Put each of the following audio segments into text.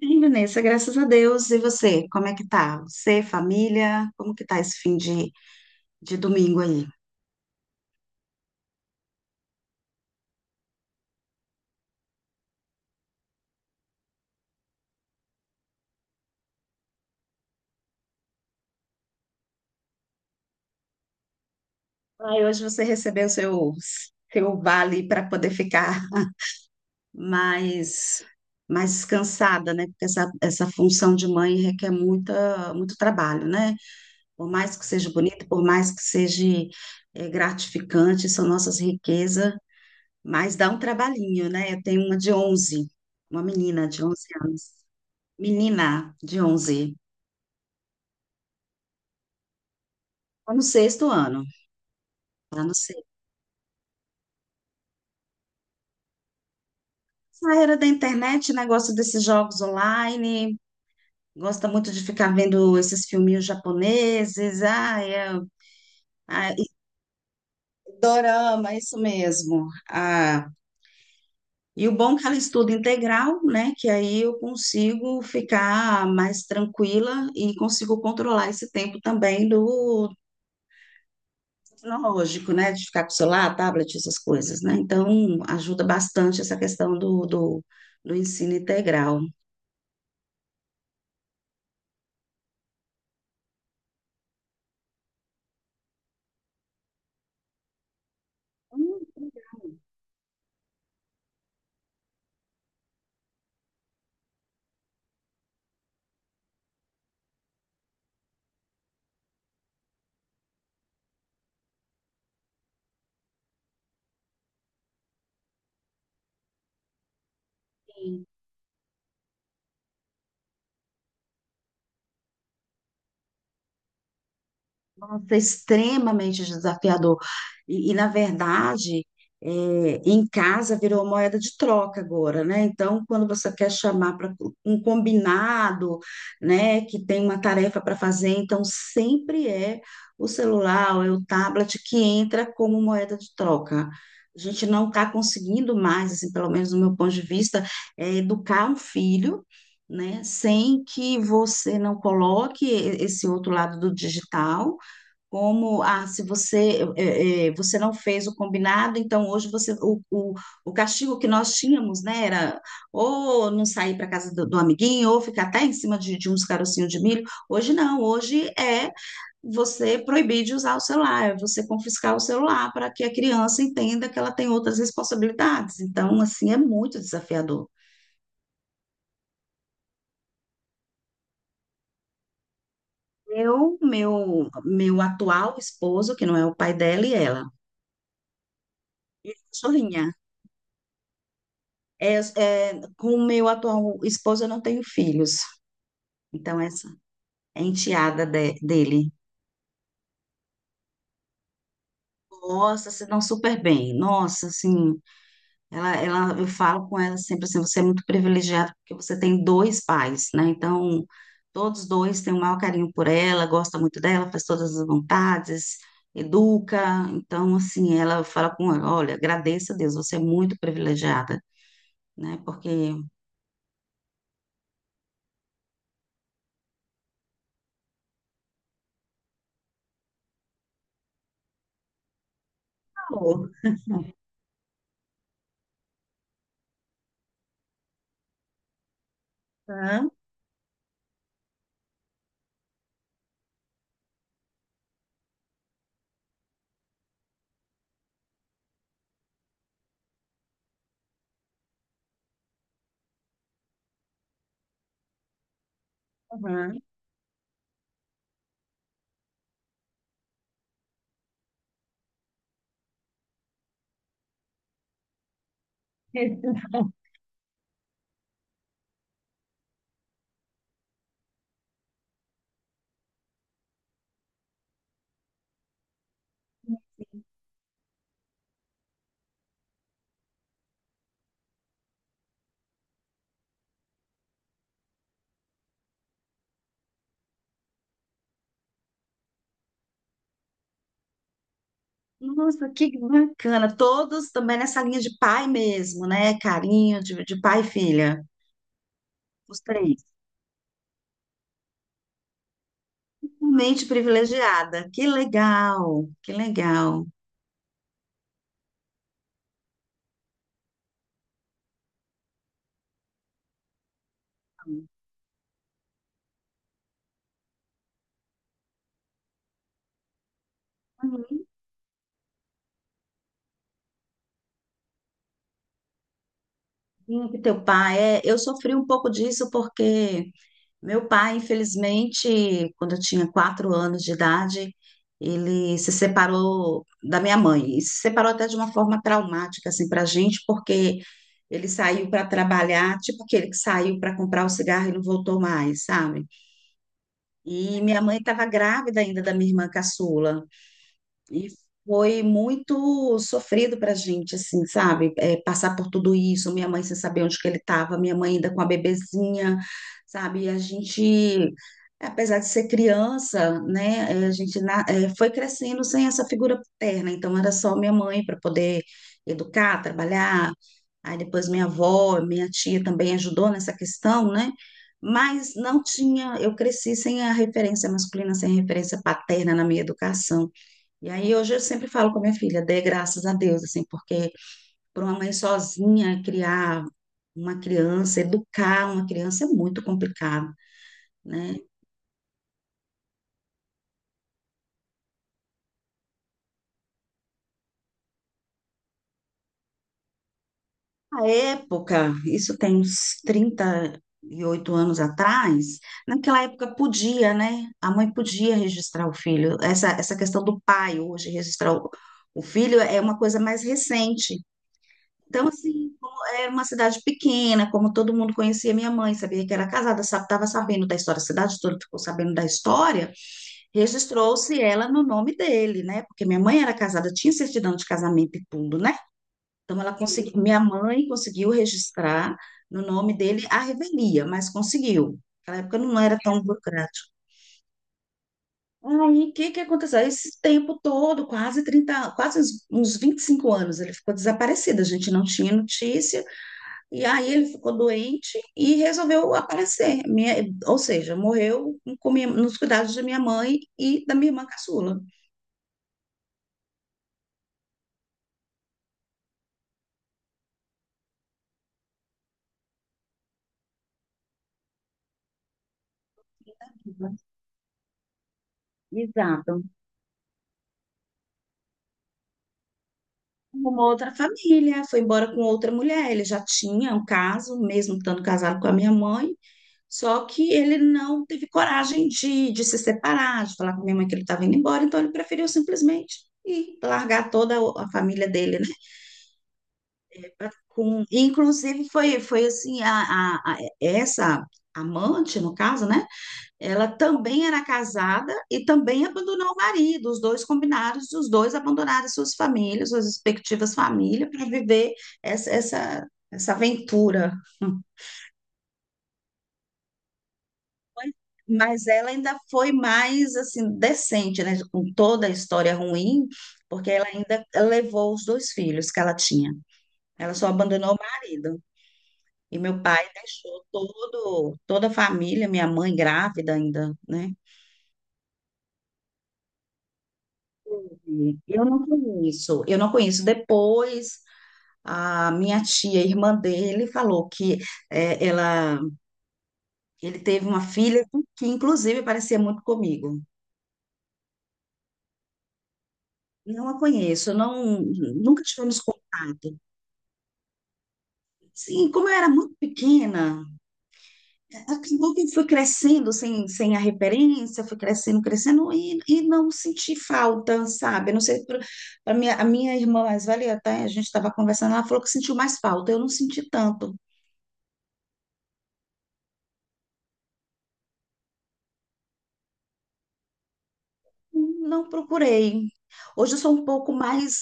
Bem, Vanessa, graças a Deus. E você, como é que tá? Você, família, como que tá esse fim de domingo aí? Ai, hoje você recebeu seu vale para poder ficar mais, mais descansada, né? Porque essa função de mãe requer muita, muito trabalho, né? Por mais que seja bonito, por mais que seja gratificante, são nossas riquezas, mas dá um trabalhinho, né? Eu tenho uma de 11, uma menina de 11 anos. Menina de 11. Tô no sexto ano, tá no sexto. Essa era da internet, negócio desses jogos online, gosta muito de ficar vendo esses filminhos japoneses, e dorama, isso mesmo. Ah, e o bom é que ela estuda integral, né? Que aí eu consigo ficar mais tranquila e consigo controlar esse tempo também do tecnológico, né? De ficar com o celular, tablet, essas coisas, né? Então, ajuda bastante essa questão do ensino integral. Sim. Nossa, extremamente desafiador. Na verdade, é, em casa virou moeda de troca agora, né? Então, quando você quer chamar para um combinado, né, que tem uma tarefa para fazer, então sempre é o celular ou é o tablet que entra como moeda de troca. A gente não está conseguindo mais, assim, pelo menos do meu ponto de vista, educar um filho, né, sem que você não coloque esse outro lado do digital, como se você você não fez o combinado, então hoje o castigo que nós tínhamos, né, era ou não sair para casa do amiguinho, ou ficar até em cima de uns carocinhos de milho. Hoje não, hoje é você proibir de usar o celular, é você confiscar o celular para que a criança entenda que ela tem outras responsabilidades. Então, assim, é muito desafiador. Meu atual esposo, que não é o pai dela, e ela, cachorrinha. Com o meu atual esposo, eu não tenho filhos. Então, essa é enteada dele. Nossa, se dão super bem. Nossa, assim, eu falo com ela sempre assim, você é muito privilegiado porque você tem dois pais, né? Então, todos dois têm um maior carinho por ela, gosta muito dela, faz todas as vontades, educa. Então, assim, ela fala com ela, olha, agradeça a Deus, você é muito privilegiada, né? Porque... Por favor, tá? Uhum. Nossa, que bacana. Todos também nessa linha de pai mesmo, né? Carinho de pai e filha. Os três. Mente privilegiada. Que legal, que legal. Sim, que teu pai é. Eu sofri um pouco disso porque meu pai, infelizmente, quando eu tinha 4 anos de idade, ele se separou da minha mãe. E se separou até de uma forma traumática, assim, pra gente, porque ele saiu para trabalhar, tipo aquele que saiu para comprar o cigarro e não voltou mais, sabe? E minha mãe estava grávida ainda da minha irmã caçula. E foi muito sofrido pra gente, assim, sabe? Passar por tudo isso, minha mãe sem saber onde que ele estava, minha mãe ainda com a bebezinha, sabe? E a gente, apesar de ser criança, né? A gente foi crescendo sem essa figura paterna, então era só minha mãe para poder educar, trabalhar. Aí depois minha avó, minha tia também ajudou nessa questão, né? Mas não tinha, eu cresci sem a referência masculina, sem a referência paterna na minha educação. E aí hoje eu sempre falo com a minha filha, dê graças a Deus, assim, porque para uma mãe sozinha criar uma criança, educar uma criança é muito complicado, né? Na época, isso tem uns 38 anos atrás, naquela época podia, né? A mãe podia registrar o filho. Essa questão do pai hoje registrar o filho é uma coisa mais recente. Então, assim, como era uma cidade pequena, como todo mundo conhecia minha mãe, sabia que era casada, estava sabendo da história, a cidade toda ficou sabendo da história, registrou-se ela no nome dele, né? Porque minha mãe era casada, tinha certidão de casamento e tudo, né? Então, ela conseguiu, minha mãe conseguiu registrar no nome dele a revelia, mas conseguiu. Naquela época não era tão burocrático. Aí, o que que aconteceu? Esse tempo todo, quase 30, quase uns 25 anos, ele ficou desaparecido, a gente não tinha notícia. E aí ele ficou doente e resolveu aparecer. Ou seja, morreu com nos cuidados de minha mãe e da minha irmã caçula. Exato. Uma outra família, foi embora com outra mulher. Ele já tinha um caso, mesmo estando casado com a minha mãe, só que ele não teve coragem de se separar, de falar com a minha mãe que ele estava indo embora, então ele preferiu simplesmente ir largar toda a família dele com, inclusive foi assim essa amante no caso, né? Ela também era casada e também abandonou o marido. Os dois combinaram, os dois abandonaram suas famílias, suas respectivas famílias para viver essa aventura. Mas ela ainda foi mais assim decente, né? Com toda a história ruim, porque ela ainda levou os dois filhos que ela tinha. Ela só abandonou o marido. E meu pai deixou todo, toda a família, minha mãe grávida ainda, né? E eu não conheço. Depois, a minha tia, irmã dele, falou que eh, ela, ele teve uma filha que, inclusive, parecia muito comigo. Não a conheço, não, nunca tivemos contato. Sim, como eu era muito pequena, acabou que fui crescendo sem a referência, fui crescendo, crescendo, e não senti falta, sabe? Eu não sei, a minha irmã mais velha, até a gente estava conversando, ela falou que sentiu mais falta, eu não senti tanto, não procurei. Hoje eu sou um pouco mais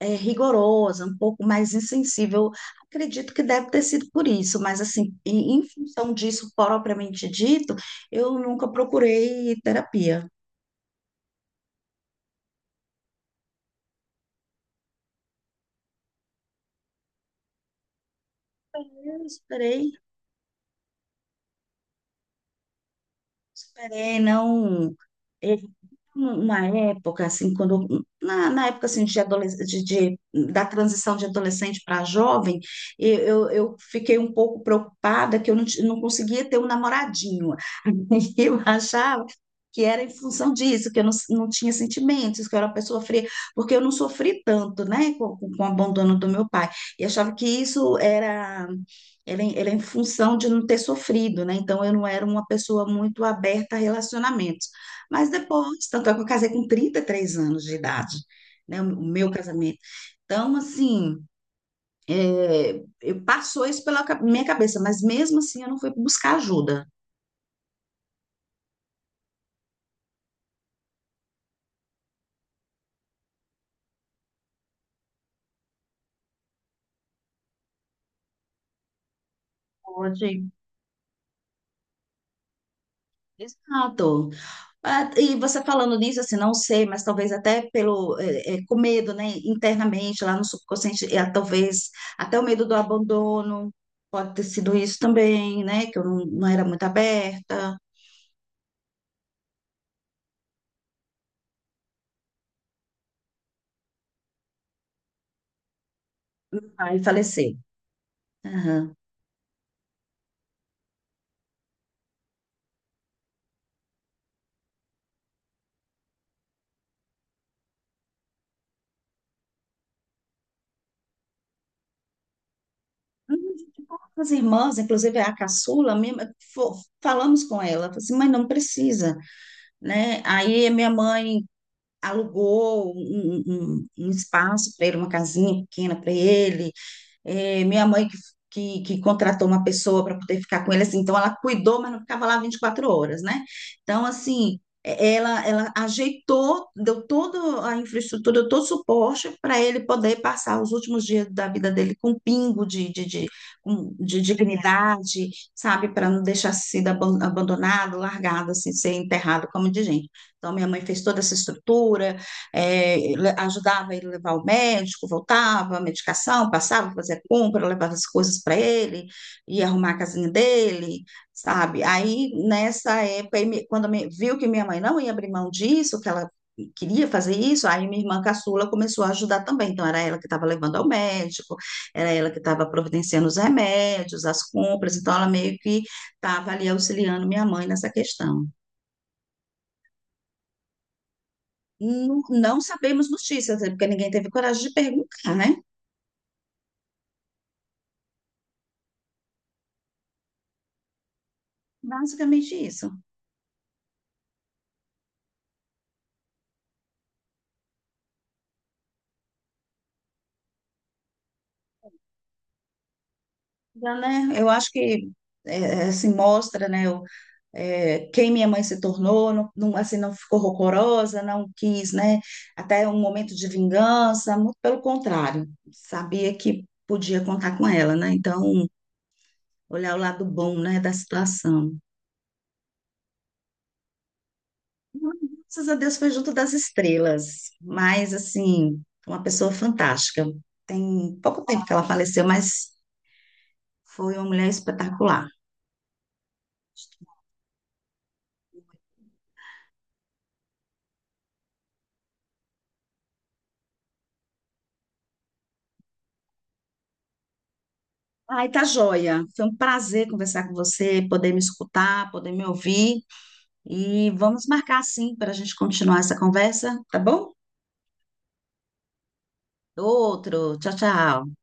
rigorosa, um pouco mais insensível, acredito que deve ter sido por isso, mas assim, em função disso propriamente dito, eu nunca procurei terapia. Eu esperei, esperei, não. Uma época, assim, quando, na época, assim, de adoles- de- da transição de adolescente para jovem, eu fiquei um pouco preocupada que eu não, ti- não conseguia ter um namoradinho, e eu achava que era em função disso, que eu não tinha sentimentos, que eu era uma pessoa fria, porque eu não sofri tanto, né, com o abandono do meu pai. E achava que isso era, era em função de não ter sofrido, né? Então eu não era uma pessoa muito aberta a relacionamentos. Mas depois, tanto é que eu casei com 33 anos de idade, né, o meu casamento. Então, assim. Eu passou isso pela minha cabeça, mas mesmo assim eu não fui buscar ajuda. Pode. Exato. Ah, e você falando nisso, assim, não sei, mas talvez até com medo, né, internamente, lá no subconsciente, talvez até o medo do abandono, pode ter sido isso também, né, que eu não era muito aberta, aí faleceu. Aham. Hum, As irmãs, inclusive a caçula, falamos com ela, falou assim, mãe, não precisa, né, aí a minha mãe alugou um espaço para ele, uma casinha pequena para ele. Minha mãe que, contratou uma pessoa para poder ficar com ele, assim, então ela cuidou, mas não ficava lá 24 horas, né? Então, assim, ela ajeitou, deu toda a infraestrutura, deu todo o suporte para ele poder passar os últimos dias da vida dele com um pingo de dignidade, sabe? Para não deixar sido abandonado, largado, assim, ser enterrado como de gente. Então, minha mãe fez toda essa estrutura, é, ajudava ele a levar o médico, voltava, medicação, passava, fazia compra, levava as coisas para ele, ia arrumar a casinha dele, sabe? Aí, nessa época, aí me- quando me- viu que minha mãe não ia abrir mão disso, que ela queria fazer isso, aí minha irmã caçula começou a ajudar também. Então, era ela que estava levando ao médico, era ela que estava providenciando os remédios, as compras, então ela meio que estava ali auxiliando minha mãe nessa questão. Não, não sabemos notícias, né, porque ninguém teve coragem de perguntar, né? Basicamente isso. Então, né, eu acho que assim, mostra, né, quem minha mãe se tornou, não, não, assim, não ficou rancorosa, não quis, né, até um momento de vingança, muito pelo contrário, sabia que podia contar com ela, né? Então, olhar o lado bom, né, da situação. Graças a Deus foi junto das estrelas, mas, assim, uma pessoa fantástica. Tem pouco tempo que ela faleceu, mas foi uma mulher espetacular. Ai, tá joia. Foi um prazer conversar com você, poder me escutar, poder me ouvir. E vamos marcar sim para a gente continuar essa conversa, tá bom? Outro. Tchau, tchau.